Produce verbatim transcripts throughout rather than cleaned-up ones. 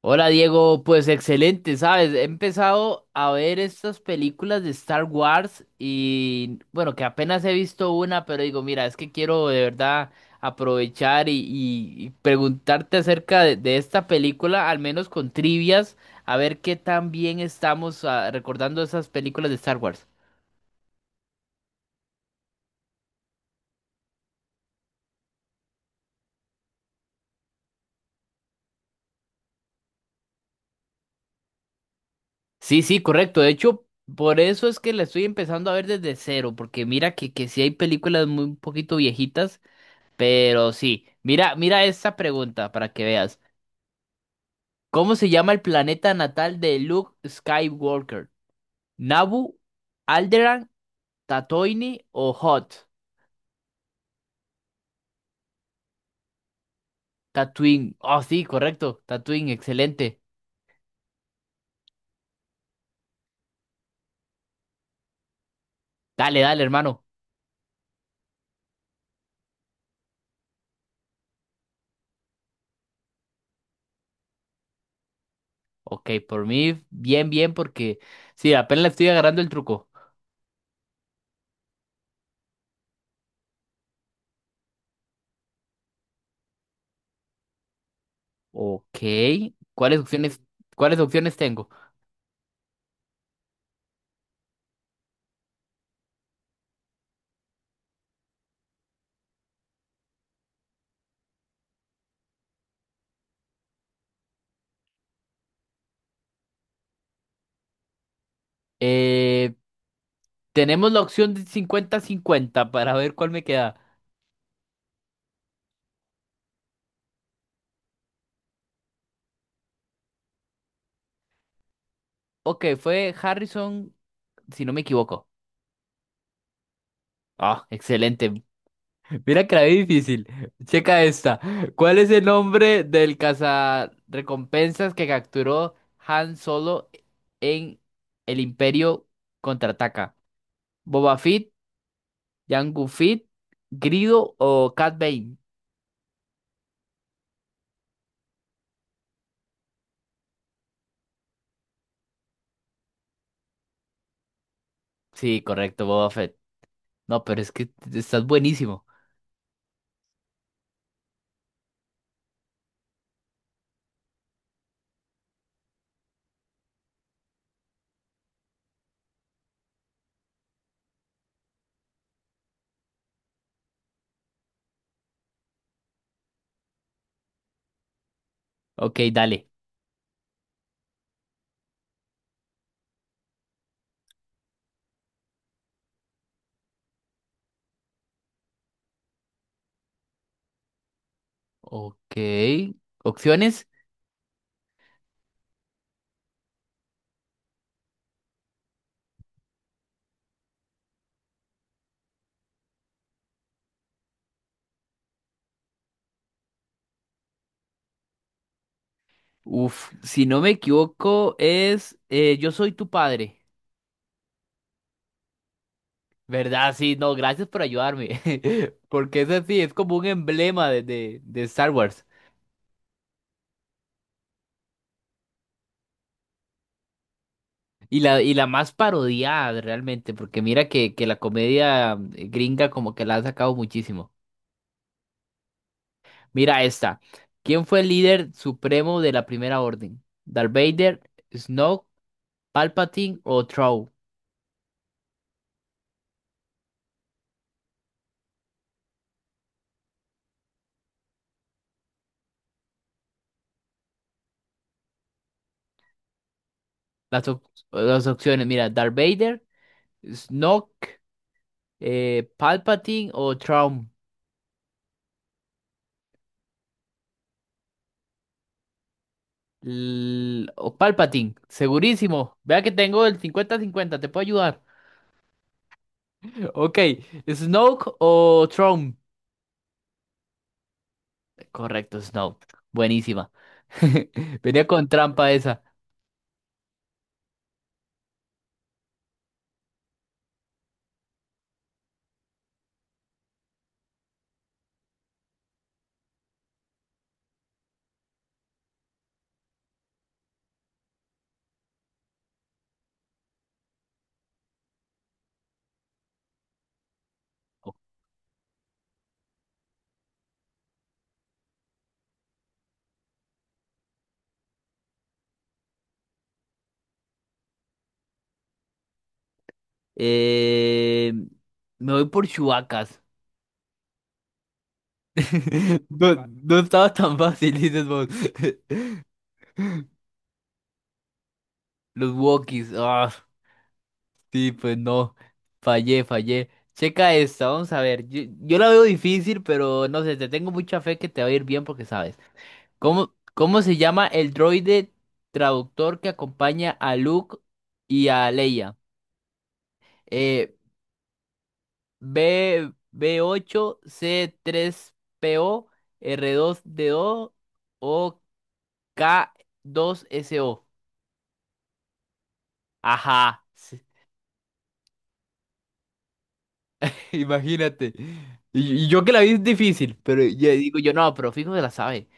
Hola Diego, pues excelente, ¿sabes? He empezado a ver estas películas de Star Wars y bueno, que apenas he visto una, pero digo, mira, es que quiero de verdad aprovechar y, y- y preguntarte acerca de, de esta película, al menos con trivias, a ver qué tan bien estamos ah, recordando esas películas de Star Wars. Sí, sí, correcto. De hecho, por eso es que la estoy empezando a ver desde cero, porque mira que, que sí hay películas muy un poquito viejitas. Pero sí, mira, mira esta pregunta para que veas. ¿Cómo se llama el planeta natal de Luke Skywalker? ¿Nabu, Alderaan, Tatooine o Hot? Tatooine. Oh, sí, correcto. Tatooine, excelente. Dale, dale, hermano. Ok, por mí, bien, bien, porque sí, apenas le estoy agarrando el truco. Ok, ¿cuáles opciones, cuáles opciones tengo? Eh, Tenemos la opción de cincuenta-cincuenta para ver cuál me queda. Ok, fue Harrison si no me equivoco. Ah, excelente. Mira que la vi difícil. Checa esta. ¿Cuál es el nombre del cazarrecompensas que capturó Han Solo en el Imperio Contraataca? ¿Boba Fett, Jango Fett, Grido o Cat Bane? Sí, correcto, Boba Fett. No, pero es que estás buenísimo. Ok, dale. Ok. Opciones. Uf, si no me equivoco, es eh, yo soy tu padre. ¿Verdad? Sí, no, gracias por ayudarme. Porque es así, es como un emblema de, de, de Star Wars. Y la, y la más parodiada realmente, porque mira que, que la comedia eh, gringa como que la ha sacado muchísimo. Mira esta. ¿Quién fue el líder supremo de la Primera Orden? ¿Darth Vader, Snoke, Palpatine o Thrawn? Las, op- las opciones, mira, Darth Vader, Snoke, eh, Palpatine o Thrawn. L- o Palpatine, segurísimo. Vea que tengo el cincuenta-cincuenta. Te puedo ayudar. Ok, Snoke o Throne. Correcto, Snoke. Buenísima. Venía con trampa esa. Eh, Me voy por Chewbacca. No, no estaba tan fácil, dices vos. Los walkies. Ah, sí, pues no. Fallé, fallé. Checa esta, vamos a ver. Yo, yo la veo difícil, pero no sé, te tengo mucha fe que te va a ir bien porque sabes. ¿Cómo, cómo se llama el droide traductor que acompaña a Luke y a Leia? Eh, B, B8, C tres P O, R dos D dos o K dos S O. Ajá, sí, imagínate. Y, y yo que la vi es difícil, pero yo digo yo, no, pero fijo se la sabe.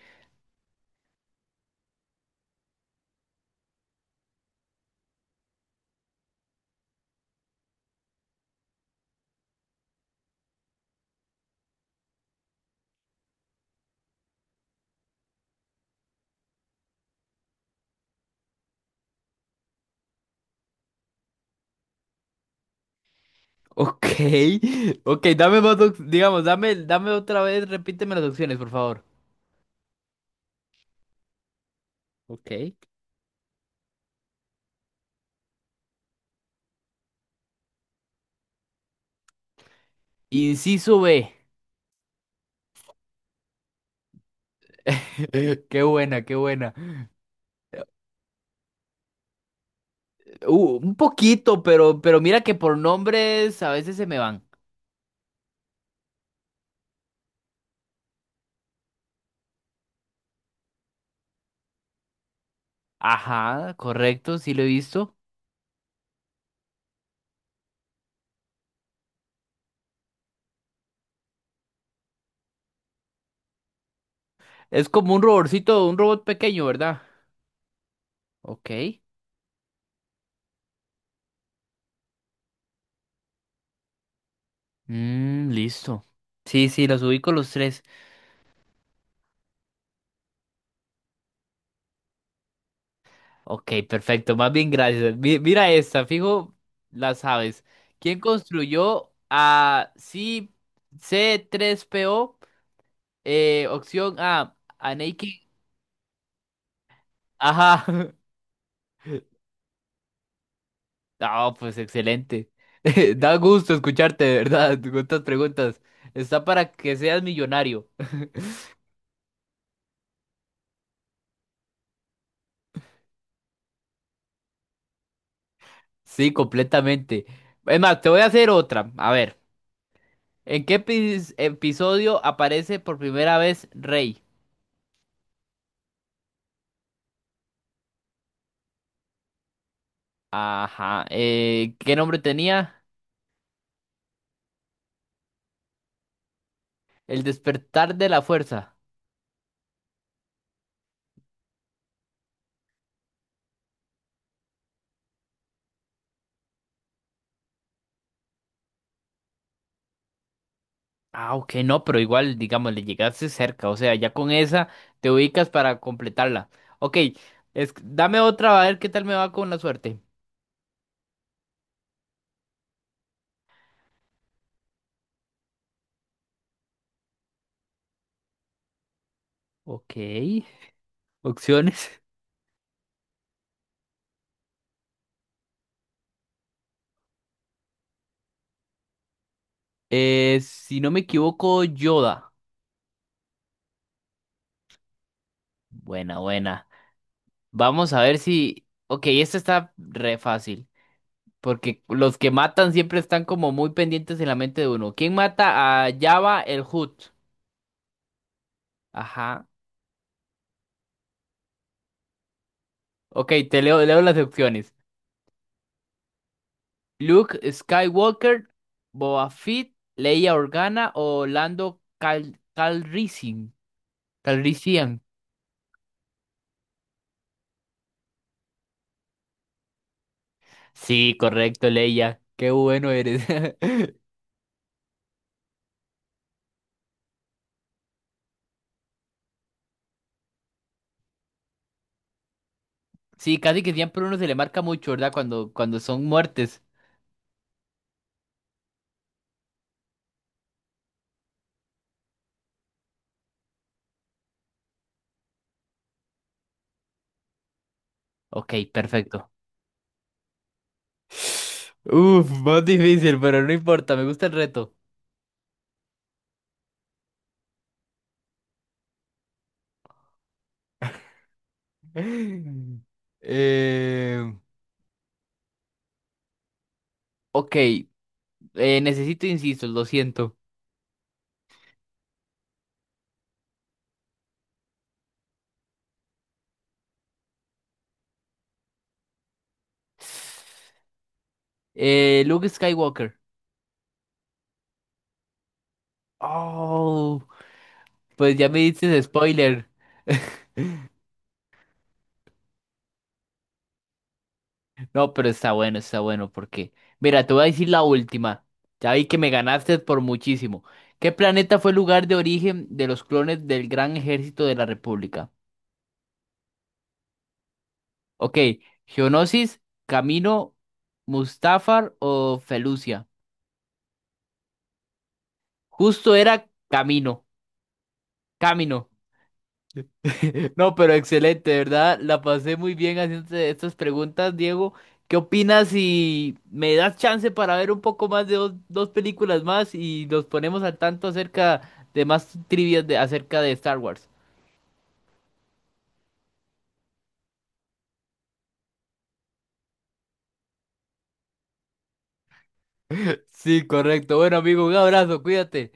Ok, ok, dame más, op- digamos, dame, dame otra vez, repíteme las opciones, por favor. Ok. Inciso B. Qué buena, qué buena. Uh, un poquito, pero, pero mira que por nombres a veces se me van. Ajá, correcto, sí lo he visto. Es como un robotcito, un robot pequeño, ¿verdad? Ok. Mm, listo. Sí, sí, los ubico los tres. Ok, perfecto. Más bien, gracias. Mi- mira esta, fijo, la sabes. ¿Quién construyó a C- C3PO? Eh, opción A, Anakin. Ajá. Ah, pues excelente. Da gusto escucharte, de verdad, con estas preguntas. Está para que seas millonario. Sí, completamente. Es más, te voy a hacer otra. A ver, ¿en qué epi- episodio aparece por primera vez Rey? Ajá. Eh, ¿qué nombre tenía? El despertar de la fuerza. Ah, ok, no, pero igual, digamos, le llegaste cerca. O sea, ya con esa te ubicas para completarla. Ok, es- dame otra, a ver qué tal me va con la suerte. Ok. Opciones. Eh, si no me equivoco, Yoda. Buena, buena. Vamos a ver si... Ok, esta está re fácil. Porque los que matan siempre están como muy pendientes en la mente de uno. ¿Quién mata a Jabba el Hutt? Ajá. Ok, te leo, leo las opciones. Luke Skywalker, Boba Fett, Leia Organa o Lando Cal Calrissian. Calrissian. Sí, correcto, Leia. Qué bueno eres. Sí, casi que siempre uno se le marca mucho, ¿verdad? Cuando, cuando son muertes. Ok, perfecto. Uf, más difícil, pero no importa, me gusta el reto. Eh, ok, eh, necesito insisto, lo siento. Eh, Luke Skywalker. Oh, pues ya me dices spoiler. No, pero está bueno, está bueno, porque, mira, te voy a decir la última. Ya vi que me ganaste por muchísimo. ¿Qué planeta fue el lugar de origen de los clones del Gran Ejército de la República? Ok, Geonosis, Camino, Mustafar o Felucia. Justo era Camino, Camino. No, pero excelente, ¿verdad? La pasé muy bien haciéndote estas preguntas, Diego. ¿Qué opinas si me das chance para ver un poco más de dos, dos películas más y nos ponemos al tanto acerca de más trivias de, acerca de Star Wars? Sí, correcto. Bueno, amigo, un abrazo, cuídate.